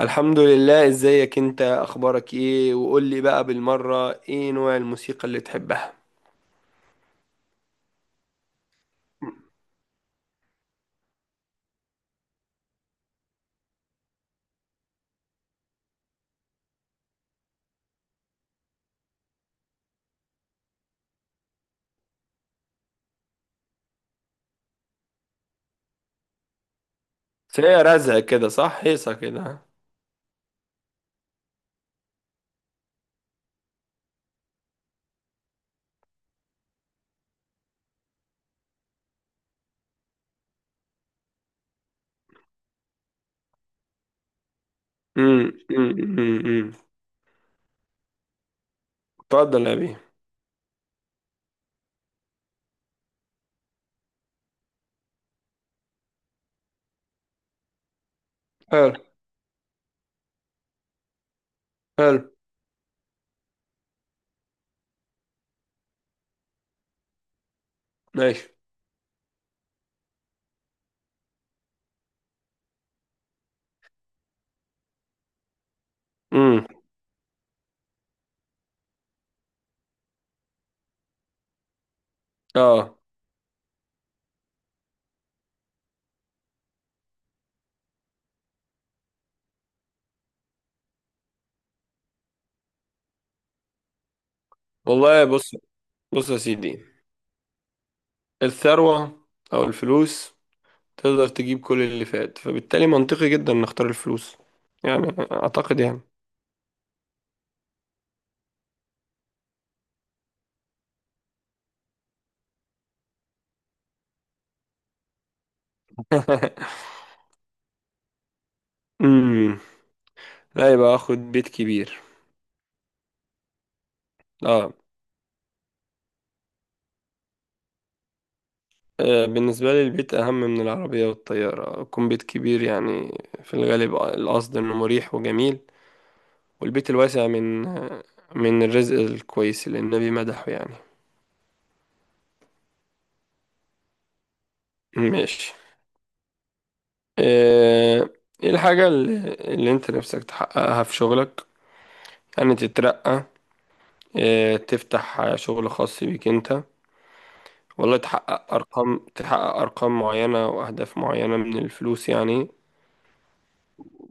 الحمد لله، ازيك انت؟ اخبارك ايه؟ وقول لي بقى بالمرة، ايه نوع الموسيقى اللي تحبها؟ بس هي رزق كده، صح؟ هيصة كده. امم. امم. امم. اتفضل يا بيه. حلو. حلو. ماشي. امم. اه، والله بص، بص يا سيدي، الثروة او الفلوس تقدر تجيب كل اللي فات، فبالتالي منطقي جدا نختار الفلوس، يعني اعتقد يعني. امم. لا، يبقى اخد بيت كبير. اه. بالنسبة لي البيت أهم من العربية والطيارة، يكون بيت كبير يعني، في الغالب القصد إنه مريح وجميل، والبيت الواسع من الرزق الكويس اللي النبي مدحه يعني. ماشي. آه، إيه الحاجة اللي أنت نفسك تحققها في شغلك، يعني تترقى، تفتح شغل خاص بيك أنت، والله تحقق أرقام معينة وأهداف معينة من الفلوس يعني،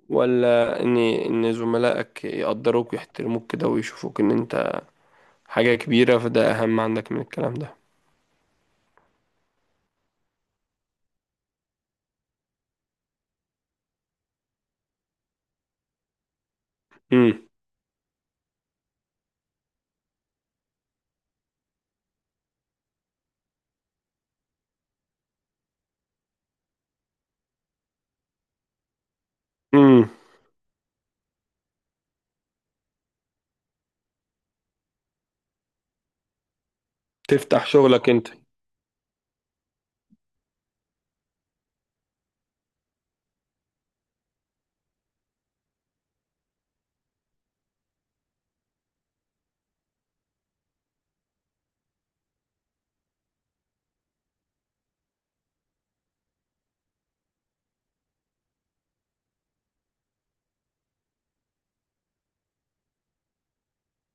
ولا ان زملائك يقدروك ويحترموك كده ويشوفوك ان انت حاجة كبيرة، فده اهم عندك من الكلام ده؟ امم. امم. تفتح شغلك انت.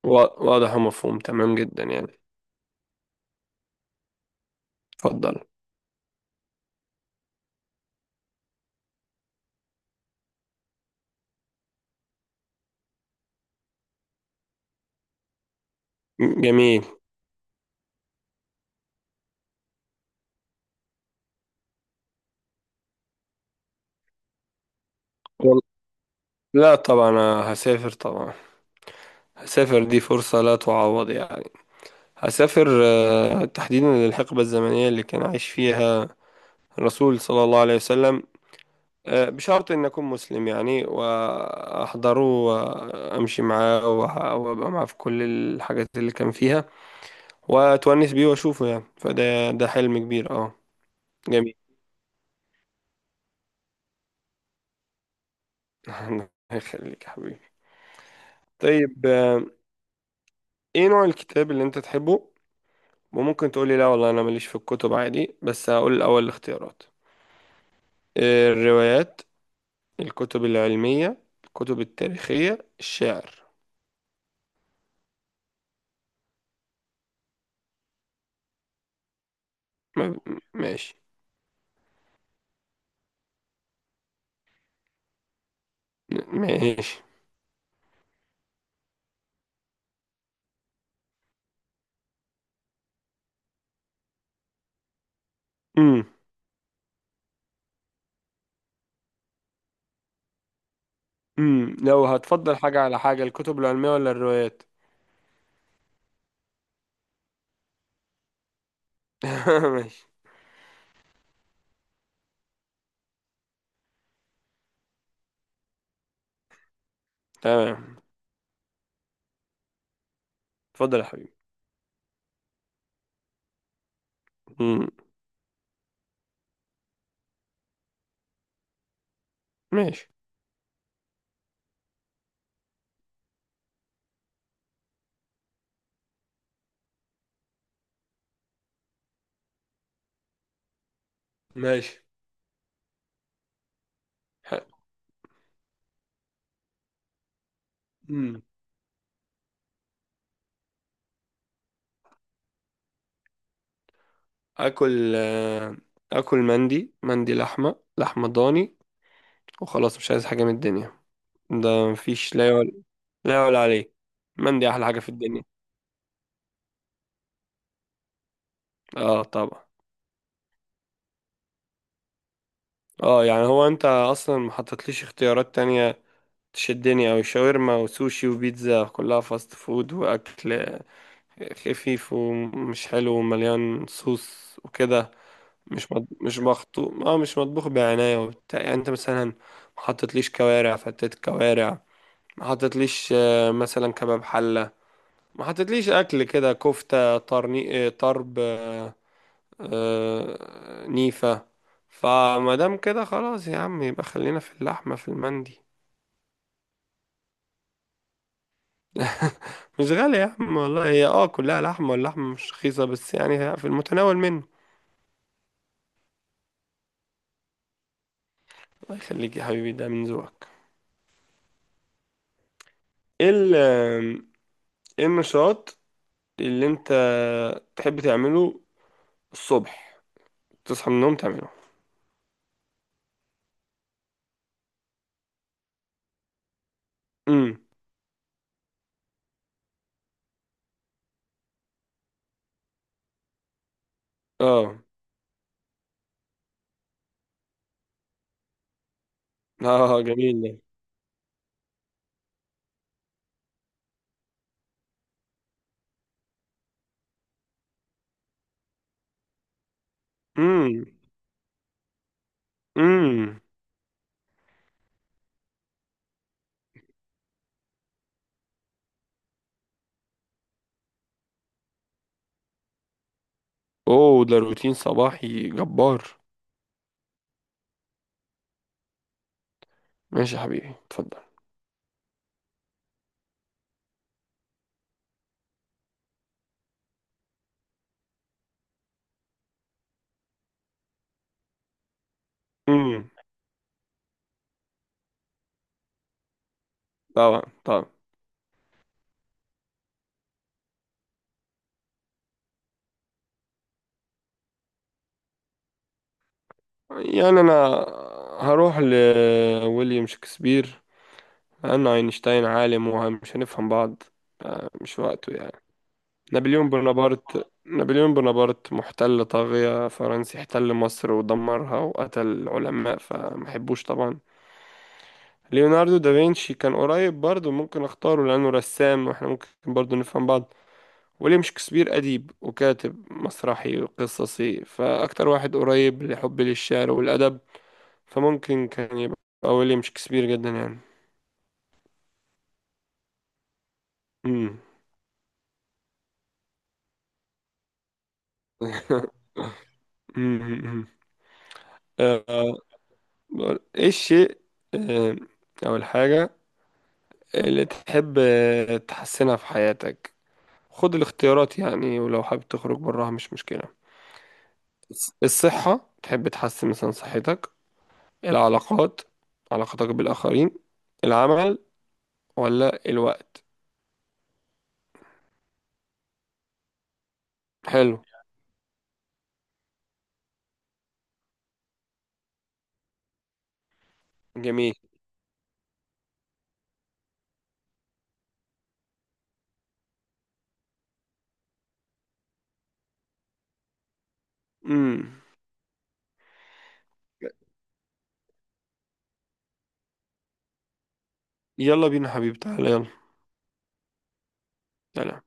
واضح ومفهوم تمام جدا يعني. اتفضل. جميل. وال- لا، طبعا أنا هسافر طبعا، هسافر، دي فرصة لا تعوض يعني. هسافر تحديدا للحقبة الزمنية اللي كان عايش فيها الرسول صلى الله عليه وسلم. بشرط إن أكون مسلم يعني، وأحضره وأمشي معاه وأبقى معاه في كل الحاجات اللي كان فيها، وأتونس بيه وأشوفه يعني، فده حلم كبير، أه. جميل. الله يخليك يا حبيبي. طيب، إيه نوع الكتاب اللي أنت تحبه؟ وممكن تقولي: لا والله أنا ماليش في الكتب، عادي. بس هقول الأول الاختيارات، الروايات، الكتب العلمية، الكتب التاريخية، الشعر. ما- ماشي. ماشي. امم. لو هتفضل حاجة على حاجة، الكتب العلمية ولا الروايات؟ ماشي. تمام. اتفضل يا حبيبي. امم. ماشي. ماشي. حلو. امم. اكل مندي، مندي لحمة، لحمة ضاني، وخلاص مش عايز حاجة من الدنيا. ده مفيش، لا يعلى عليه. مندي احلى حاجة في الدنيا. اه، طبعا. اه، يعني هو انت اصلا ما حطيتليش اختيارات تانية تشدني، او شاورما وسوشي وبيتزا، كلها فاست فود واكل خفيف ومش حلو ومليان صوص وكده. مش مط... مش مخطوط اه مش مطبوخ بعناية وبتاع. يعني انت مثلا ما حطيتليش كوارع، فتت كوارع، ما حطيتليش مثلا كباب حلة، ما حطيتليش اكل كده، كفتة، طرني... آه، طرب آه، آه، نيفة. فما دام كده، خلاص يا عم، يبقى خلينا في اللحمة، في المندي. مش غالي يا عم والله، هي كلها لحمة، واللحمة مش رخيصة بس يعني في المتناول منه. الله يخليك يا حبيبي، ده من ذوقك. ايه ال- ايه النشاط اللي انت تحب تعمله الصبح؟ تصحى من النوم تعمله. امم. اه. اه، جميل ده. امم. امم. اوه، ده روتين صباحي جبار. ماشي يا حبيبي، اتفضل. امم. طبعا، طبعا. يعني انا هروح لويليام شكسبير، لانه اينشتاين عالم ومش هنفهم بعض، مش وقته يعني. نابليون بونابرت محتل طاغية فرنسي، احتل مصر ودمرها وقتل العلماء، فمحبوش طبعا. ليوناردو دافنشي كان قريب برضه، ممكن اختاره لأنه رسام واحنا ممكن برضه نفهم بعض. ويليام شكسبير أديب وكاتب مسرحي وقصصي، فأكتر واحد قريب لحبي للشعر والأدب، فممكن كان يبقى ويليام شكسبير، جدا يعني. مم. مم. آه، ايه الشيء، آه، أول حاجة اللي تحب تحسنها في حياتك؟ خد الاختيارات يعني، ولو حابب تخرج براها مش مشكلة. الصحة، تحب تحسن مثلا صحتك، العلاقات، علاقتك بالآخرين، العمل، ولا الوقت؟ حلو. جميل. امم. يلا بينا حبيبي، تعالى يلا. سلام.